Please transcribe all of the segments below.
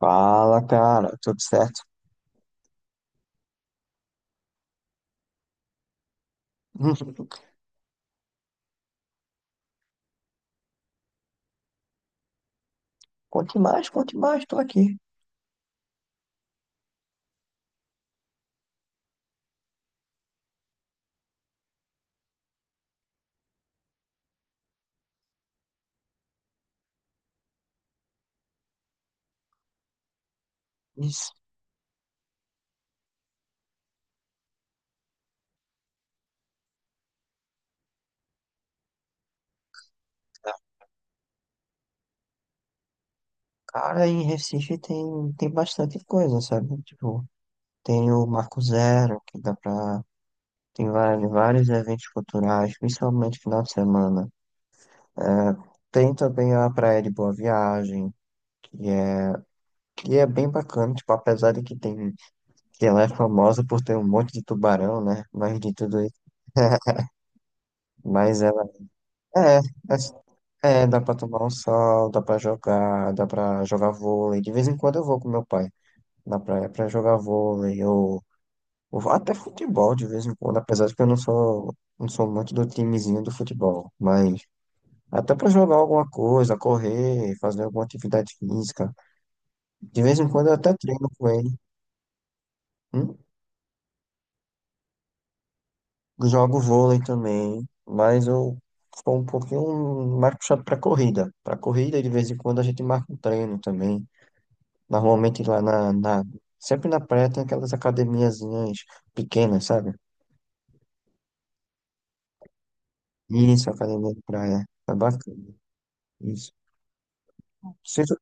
Fala, cara, tudo certo? Conte mais, tô aqui. Isso. Cara, em Recife tem bastante coisa, sabe? Tipo, tem o Marco Zero, que dá pra. Tem vários, vários eventos culturais, principalmente final de semana. Tem também a Praia de Boa Viagem, que é, que é bem bacana, tipo, apesar de que tem, que ela é famosa por ter um monte de tubarão, né? Mas de tudo isso. Mas ela. É, é É, dá pra tomar um sol, dá pra jogar vôlei. De vez em quando eu vou com meu pai na praia pra jogar vôlei ou até futebol de vez em quando, apesar de que eu não sou, não sou muito do timezinho do futebol, mas até pra jogar alguma coisa, correr, fazer alguma atividade física. De vez em quando eu até treino com ele. Hum? Jogo vôlei também, mas eu sou um pouquinho mais puxado pra corrida. Pra corrida, de vez em quando a gente marca um treino também. Normalmente lá sempre na praia tem aquelas academiazinhas pequenas, sabe? Isso, academia de praia. É bacana. Isso. Sempre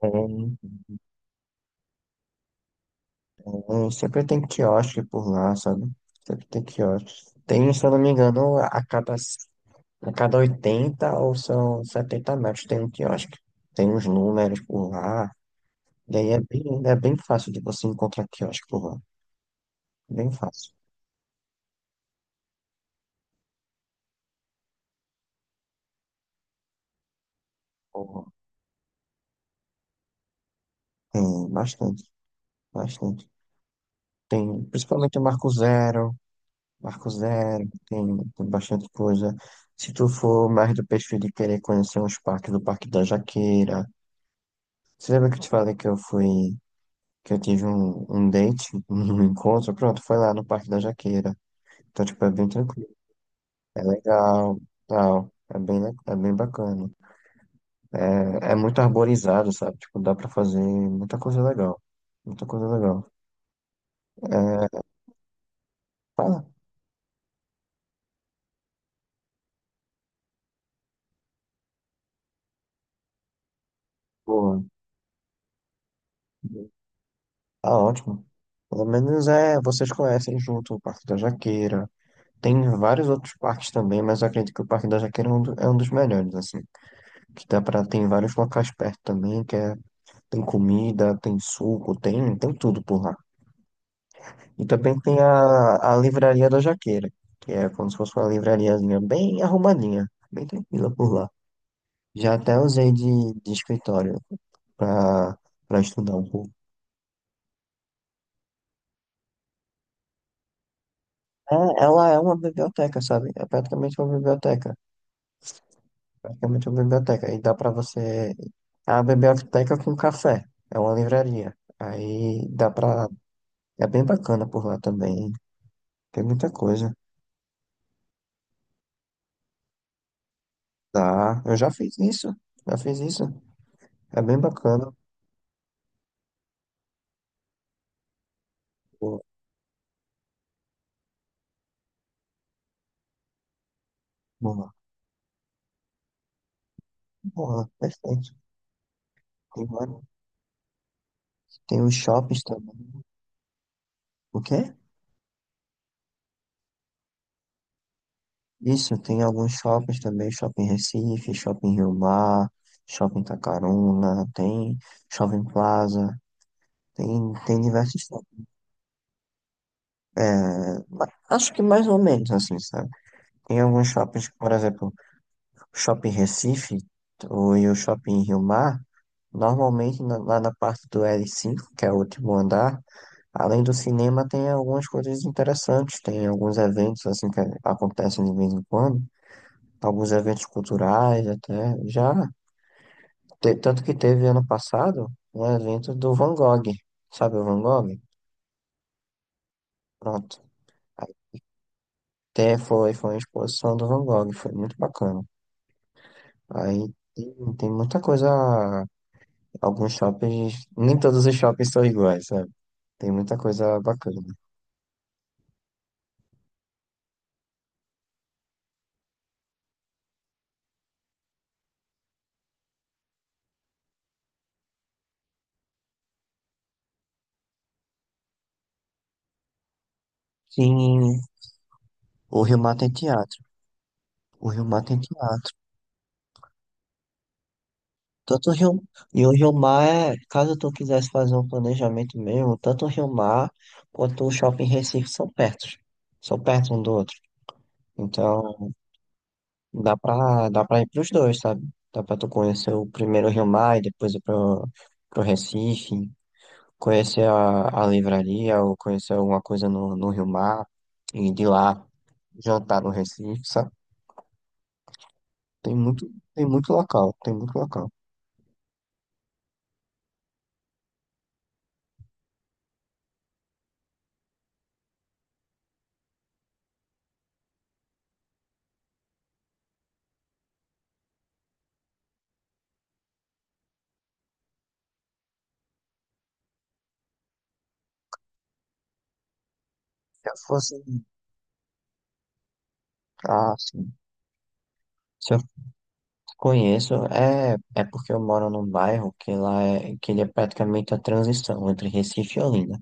tem, tem, sempre tem quiosque por lá, sabe? Sempre tem quiosque. Tem, se eu não me engano, a cada 80 ou são 70 metros tem um quiosque. Tem uns números por lá. E é bem fácil de você encontrar quiosque por lá. Bem fácil. Por lá. Tem bastante, bastante. Tem principalmente o Marco Zero. Marcos Zero, tem, tem bastante coisa. Se tu for mais do perfil de querer conhecer uns parques, do Parque da Jaqueira. Você lembra que eu te falei que eu fui, que eu tive um, um date, um encontro? Pronto, foi lá no Parque da Jaqueira. Então, tipo, é bem tranquilo, é legal, tal. É bem, le- é bem bacana. É, é muito arborizado, sabe? Tipo, dá pra fazer muita coisa legal. Muita coisa legal. Tá, boa. Tá ótimo. Pelo menos é, vocês conhecem junto o Parque da Jaqueira. Tem vários outros parques também, mas eu acredito que o Parque da Jaqueira é um, do- é um dos melhores, assim. Que dá pra, tem vários locais perto também, que é, tem comida, tem suco, tem, tem tudo por lá. E também tem a Livraria da Jaqueira, que é como se fosse uma livrariazinha bem arrumadinha, bem tranquila por lá. Já até usei de escritório pra, pra estudar um pouco. É, ela é uma biblioteca, sabe? É praticamente uma biblioteca. Praticamente uma biblioteca. E dá pra você. É uma biblioteca com café. É uma livraria. Aí dá pra. É bem bacana por lá também. Tem muita coisa. Dá. Eu já fiz isso. Já fiz isso. É bem bacana. Boa, boa, boa. Perfeito. Tem, vários- tem os shoppings também. O quê? Isso, tem alguns shoppings também. Shopping Recife, Shopping Rio Mar, Shopping Tacaruna, tem Shopping Plaza. Tem, tem diversos. É, ma- acho que mais ou menos assim, sabe? Tem alguns shoppings, por exemplo, o Shopping Recife ou, e o Shopping Rio Mar, normalmente na- lá na parte do L5, que é o último andar, além do cinema, tem algumas coisas interessantes, tem alguns eventos assim que acontecem de vez em quando, alguns eventos culturais até, já, te- tanto que teve ano passado um evento do Van Gogh, sabe o Van Gogh? Pronto. Até foi, foi uma exposição do Van Gogh, foi muito bacana. Aí tem, tem muita coisa. Alguns shoppings, nem todos os shoppings são iguais, sabe? Tem muita coisa bacana. Sim, o Rio Mar tem teatro. O Rio Mar tem teatro. Tanto o Rio... E o Rio Mar é, caso tu quisesse fazer um planejamento mesmo, tanto o Rio Mar quanto o Shopping Recife são perto. São perto um do outro. Então, dá pra ir pros dois, sabe? Dá pra tu conhecer o primeiro Rio Mar e depois ir pro, pro Recife. Conhecer a livraria ou conhecer alguma coisa no Rio Mar e de lá jantar no Recife, sabe? Tem muito, tem muito local, tem muito local. Se eu fosse, ah, sim. Se eu conheço, é, é porque eu moro num bairro que lá é, que ele é praticamente a transição entre Recife e Olinda.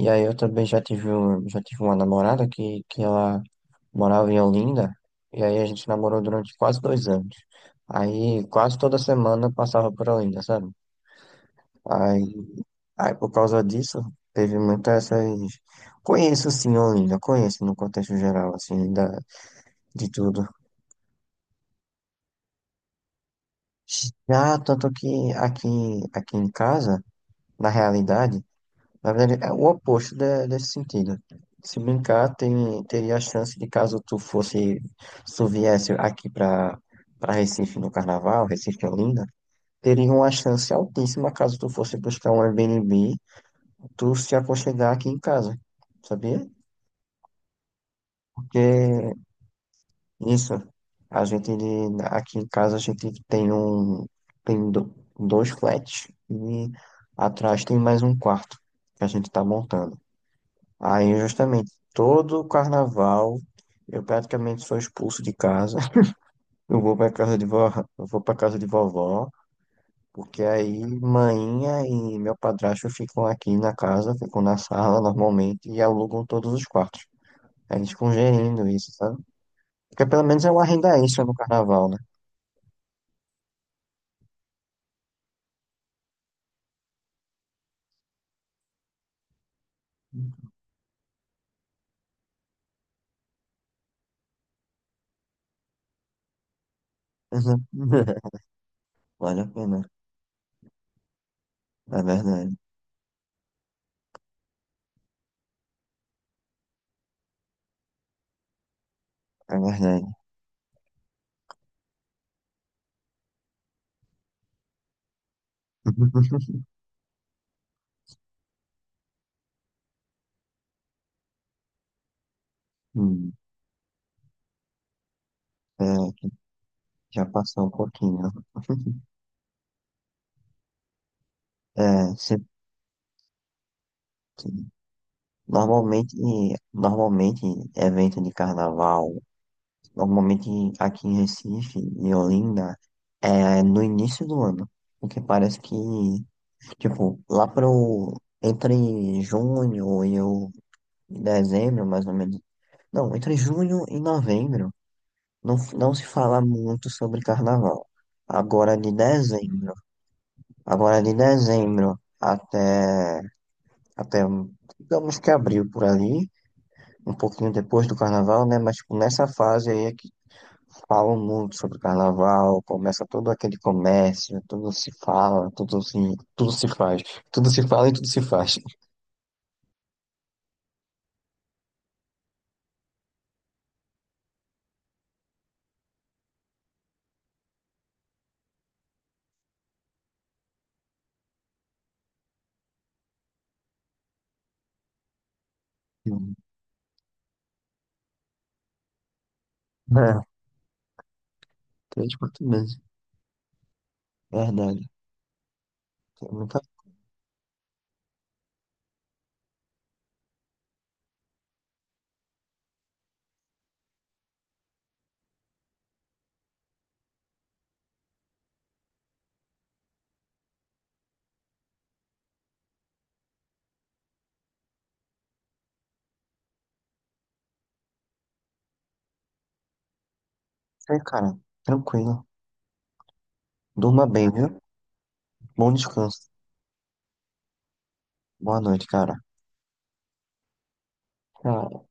E aí eu também já tive, um- já tive uma namorada que ela morava em Olinda, e aí a gente namorou durante quase 2 anos. Aí quase toda semana eu passava por Olinda, sabe? Aí, Aí, por causa disso, teve muitas essas. Conheço, sim, Olinda, conheço no contexto geral, assim, da, de tudo. Já, tanto que aqui, aqui em casa, na realidade, na verdade, é o oposto de- desse sentido. Se brincar, tem, teria a chance de caso tu fosse, se tu viesse aqui pra, pra Recife no Carnaval, Recife e Olinda, teria uma chance altíssima caso tu fosse buscar um Airbnb, tu se aconchegar aqui em casa, sabia? Porque Isso. A gente, aqui em casa, a gente tem um, tem do- dois flats e atrás tem mais um quarto que a gente tá montando. Aí, justamente, todo carnaval, eu praticamente sou expulso de casa. Eu vou pra casa de vó, eu vou pra casa de vovó, porque aí mainha e meu padrasto ficam aqui na casa, ficam na sala normalmente e alugam todos os quartos. Aí eles ficam gerindo isso, sabe? Porque pelo menos é uma renda extra no carnaval, né? Exato. Vale a pena. É verdade. É verdade. Hum, é, já passou um pouquinho. É, se- normalmente, normalmente, evento de carnaval, normalmente aqui em Recife e Olinda, é no início do ano. Porque parece que, tipo, lá pro, entre junho e o- e dezembro, mais ou menos. Não, entre junho e novembro. Não, não se fala muito sobre carnaval. Agora de dezembro, agora de dezembro até, até digamos que abril por ali, um pouquinho depois do carnaval, né? Mas tipo, nessa fase aí é que falam muito sobre carnaval, começa todo aquele comércio, tudo se fala, tudo se faz, tudo se fala e tudo se faz. Hum. É, três por mês, verdade. Tem muita coisa, cara. Tranquilo. Durma bem, viu? Bom descanso. Boa noite, cara. Tchau.